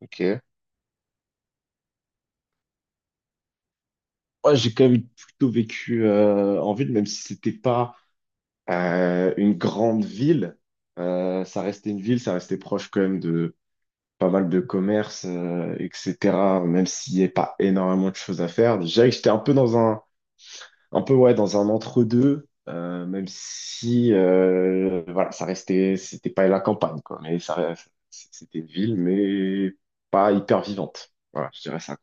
Ok. Ouais, j'ai quand même plutôt vécu en ville, même si c'était pas une grande ville. Ça restait une ville, ça restait proche quand même de pas mal de commerces, etc. Même s'il n'y avait pas énormément de choses à faire. Déjà, j'étais un peu dans un peu ouais, dans un entre-deux, même si voilà, ça restait, c'était pas la campagne, quoi. Mais ça, c'était une ville, mais pas hyper vivante. Voilà, je dirais ça.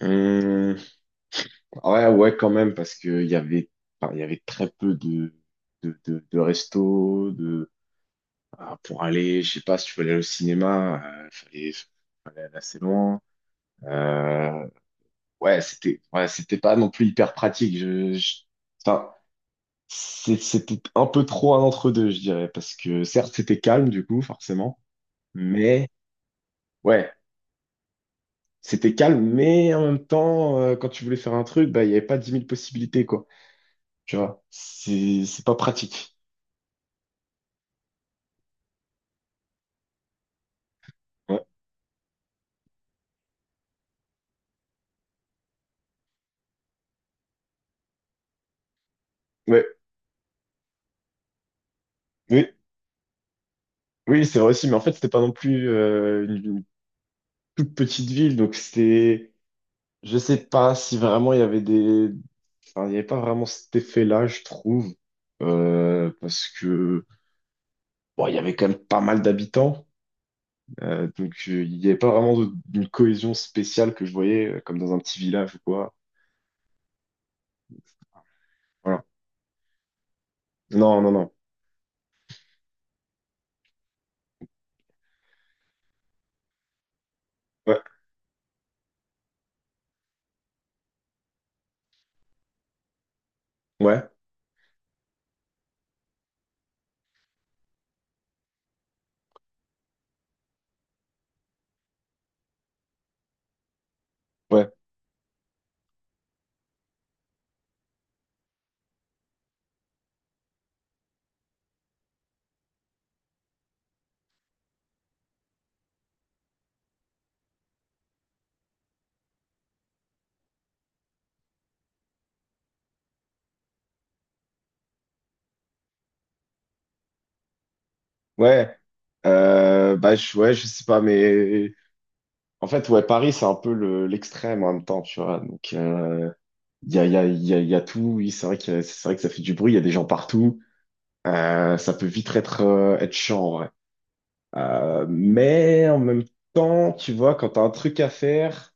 Hum. Ouais, ouais, quand même, parce que il y avait, enfin, il y avait très peu de, de restos, de, ah, pour aller, je sais pas, si tu voulais aller au cinéma, fallait, fallait aller assez loin. Euh, ouais, c'était pas non plus hyper pratique. Enfin, c'était un peu trop un entre-deux, je dirais, parce que certes, c'était calme, du coup, forcément, mais ouais, c'était calme, mais en même temps, quand tu voulais faire un truc, bah, il y avait pas dix mille possibilités, quoi. Tu vois, c'est pas pratique. Ouais. Ouais. Oui, oui, c'est vrai aussi, mais en fait, c'était pas non plus une toute petite ville, donc c'était, je sais pas si vraiment il y avait des, enfin, il y avait pas vraiment cet effet-là, je trouve, parce que bon, il y avait quand même pas mal d'habitants, donc il y avait pas vraiment d'une cohésion spéciale que je voyais comme dans un petit village ou quoi. Voilà. Non, non, non. Ouais, ouais, ouais, ouais. Bah, ouais, je sais pas, mais en fait, ouais, Paris, c'est un peu l'extrême en même temps, tu vois, donc il y a, il y a tout, oui, c'est vrai que ça fait du bruit, il y a des gens partout. Ça peut vite être, être chiant, ouais. Mais en même temps, tu vois, quand t'as un truc à faire,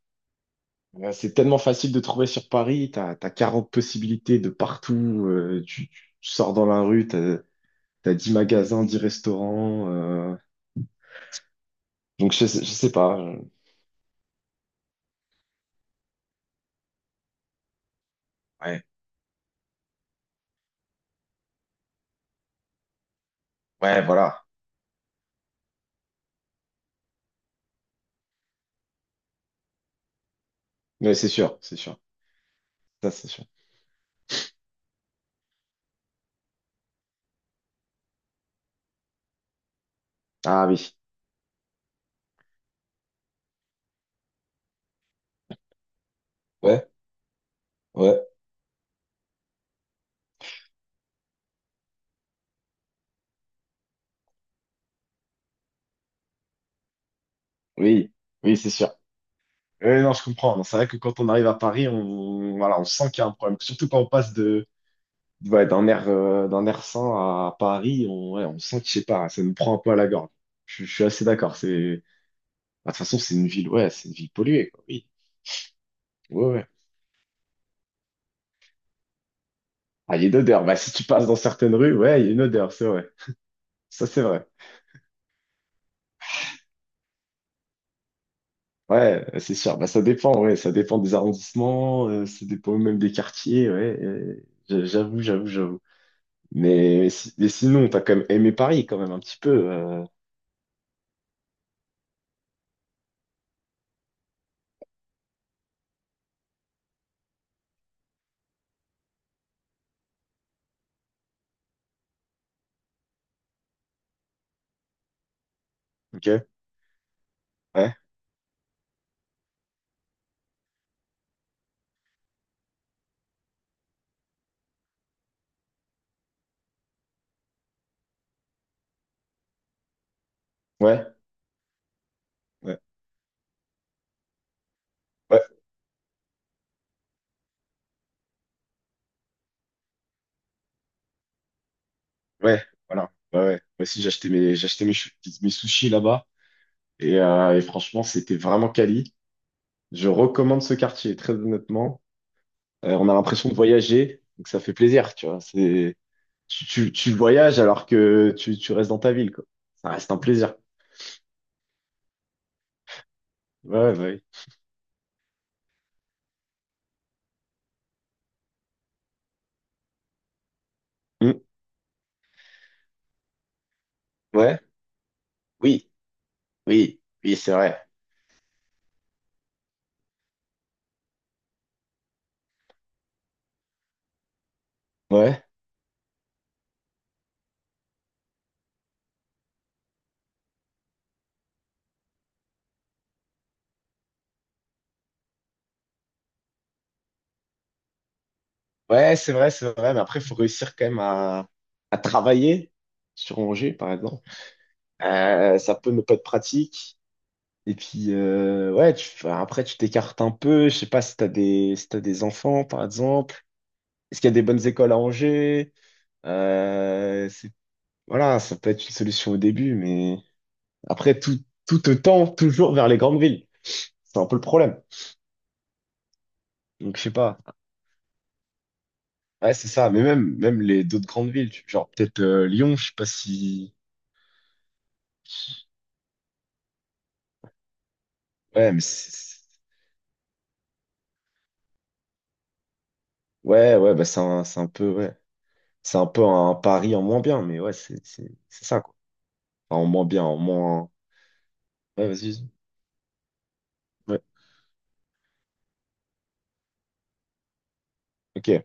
c'est tellement facile de trouver sur Paris, t'as 40 possibilités de partout, tu sors dans la rue, t'as 10 magasins, 10 restaurants, donc je sais pas. Euh, ouais, ouais, voilà. Ouais, c'est sûr, c'est sûr. Ça, c'est sûr. Ah oui. Ouais, ouais, oui, oui, c'est sûr. Oui, non, je comprends. Non, c'est vrai que quand on arrive à Paris, on, voilà, on sent qu'il y a un problème. Surtout quand on passe de, ouais, d'un air sain à Paris, on, ouais, on sent que, je sais pas, ça nous prend un peu à la gorge. Je suis assez d'accord. C'est, bah, de toute façon, c'est une ville, ouais, c'est une ville polluée, quoi. Oui, ouais, ouais. Ah, il y a une odeur. Bah, si tu passes dans certaines rues, ouais, il y a une odeur, c'est vrai. Ça, c'est vrai. Ouais, c'est sûr. Bah, ça dépend, ouais, ça dépend des arrondissements, ça dépend même des quartiers, ouais. Euh, j'avoue, j'avoue, j'avoue. Mais, mais sinon, t'as quand même aimé Paris, quand même, un petit peu. Euh, ok, ouais, ouais, ouais, ouais, ouais, voilà. Ouais, ouais. Moi aussi, j'ai acheté mes, mes sushis là-bas et franchement, c'était vraiment quali. Je recommande ce quartier, très honnêtement. On a l'impression de voyager, donc ça fait plaisir, tu vois. C'est, tu voyages alors que tu restes dans ta ville, quoi. Ça reste un plaisir. Ouais, ouais. Hmm, ouais, oui, oui, oui, c'est vrai. Ouais, ouais, c'est vrai, c'est vrai. Mais après, il faut réussir quand même à travailler sur Angers, par exemple. Ça peut ne pas être pratique. Et puis, ouais, tu, enfin, après, tu t'écartes un peu. Je sais pas si t'as des, si t'as des enfants, par exemple. Est-ce qu'il y a des bonnes écoles à Angers? C'est, voilà, ça peut être une solution au début, mais après, tout te tend toujours vers les grandes villes. C'est un peu le problème. Donc, je sais pas. Ouais, c'est ça. Mais même, même les d'autres grandes villes, genre peut-être Lyon, je sais pas si. Ouais, mais ouais, ouais, bah, c'est un peu, ouais. C'est un peu un pari en moins bien, mais ouais, c'est ça, quoi. Enfin, en moins bien, en moins. Ouais, vas-y. Ouais. Ok.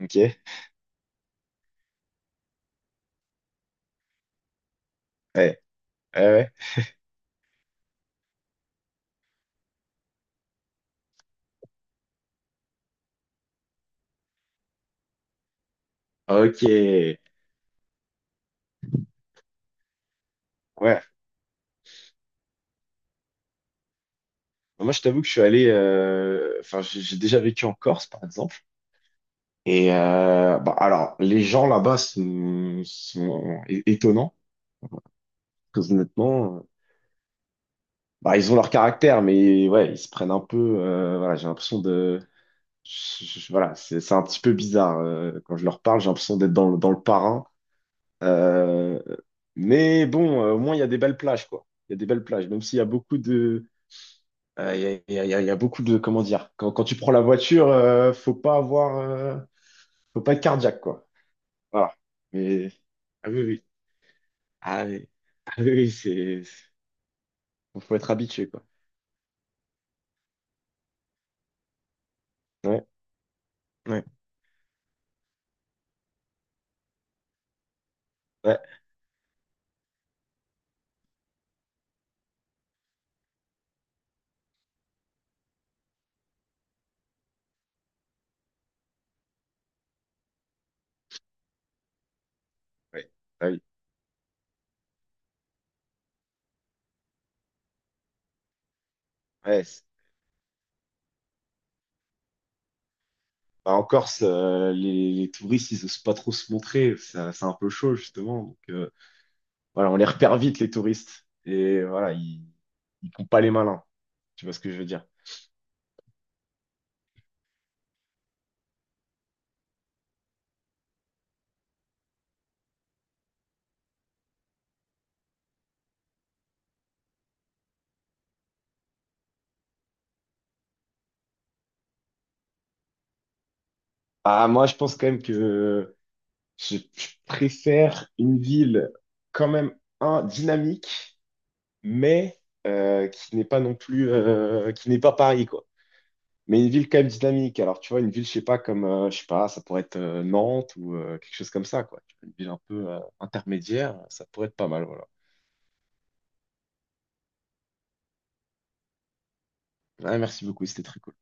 Ok. Ouais. Ouais, ouais. Ok. Ouais. Moi, je t'avoue que je suis allé. Euh, enfin, j'ai déjà vécu en Corse, par exemple. Et bah, alors, les gens là-bas sont, étonnants. Parce que honnêtement, bah, ils ont leur caractère, mais ouais, ils se prennent un peu. Euh, voilà, j'ai l'impression de. Voilà, c'est un petit peu bizarre. Euh, quand je leur parle, j'ai l'impression d'être dans, dans le parrain. Euh, mais bon, au moins, il y a des belles plages, quoi. Il y a des belles plages, même s'il y a beaucoup de... Euh, il y a, il y a beaucoup de... Comment dire? Quand tu prends la voiture, faut pas avoir... Euh, faut pas être cardiaque, quoi. Voilà. Mais... Ah oui, oui. Ah oui, ah, oui, oui, c'est... faut être habitué, quoi. Ouais, ouais, ouais, ouais. Ah oui, ouais. C'est- bah, en Corse, les touristes, ils osent pas trop se montrer. Ça- c'est un peu chaud, justement. Voilà, on les repère vite, les touristes. Et voilà, ils ne font pas les malins. Tu vois ce que je veux dire? Ah, moi, je pense quand même que je préfère une ville quand même, un, dynamique, mais qui n'est pas non plus, qui n'est pas Paris, quoi. Mais une ville quand même dynamique. Alors, tu vois, une ville, je sais pas, comme, je sais pas, ça pourrait être Nantes ou quelque chose comme ça, quoi. Une ville un peu intermédiaire, ça pourrait être pas mal, voilà. Ouais, merci beaucoup, c'était très cool.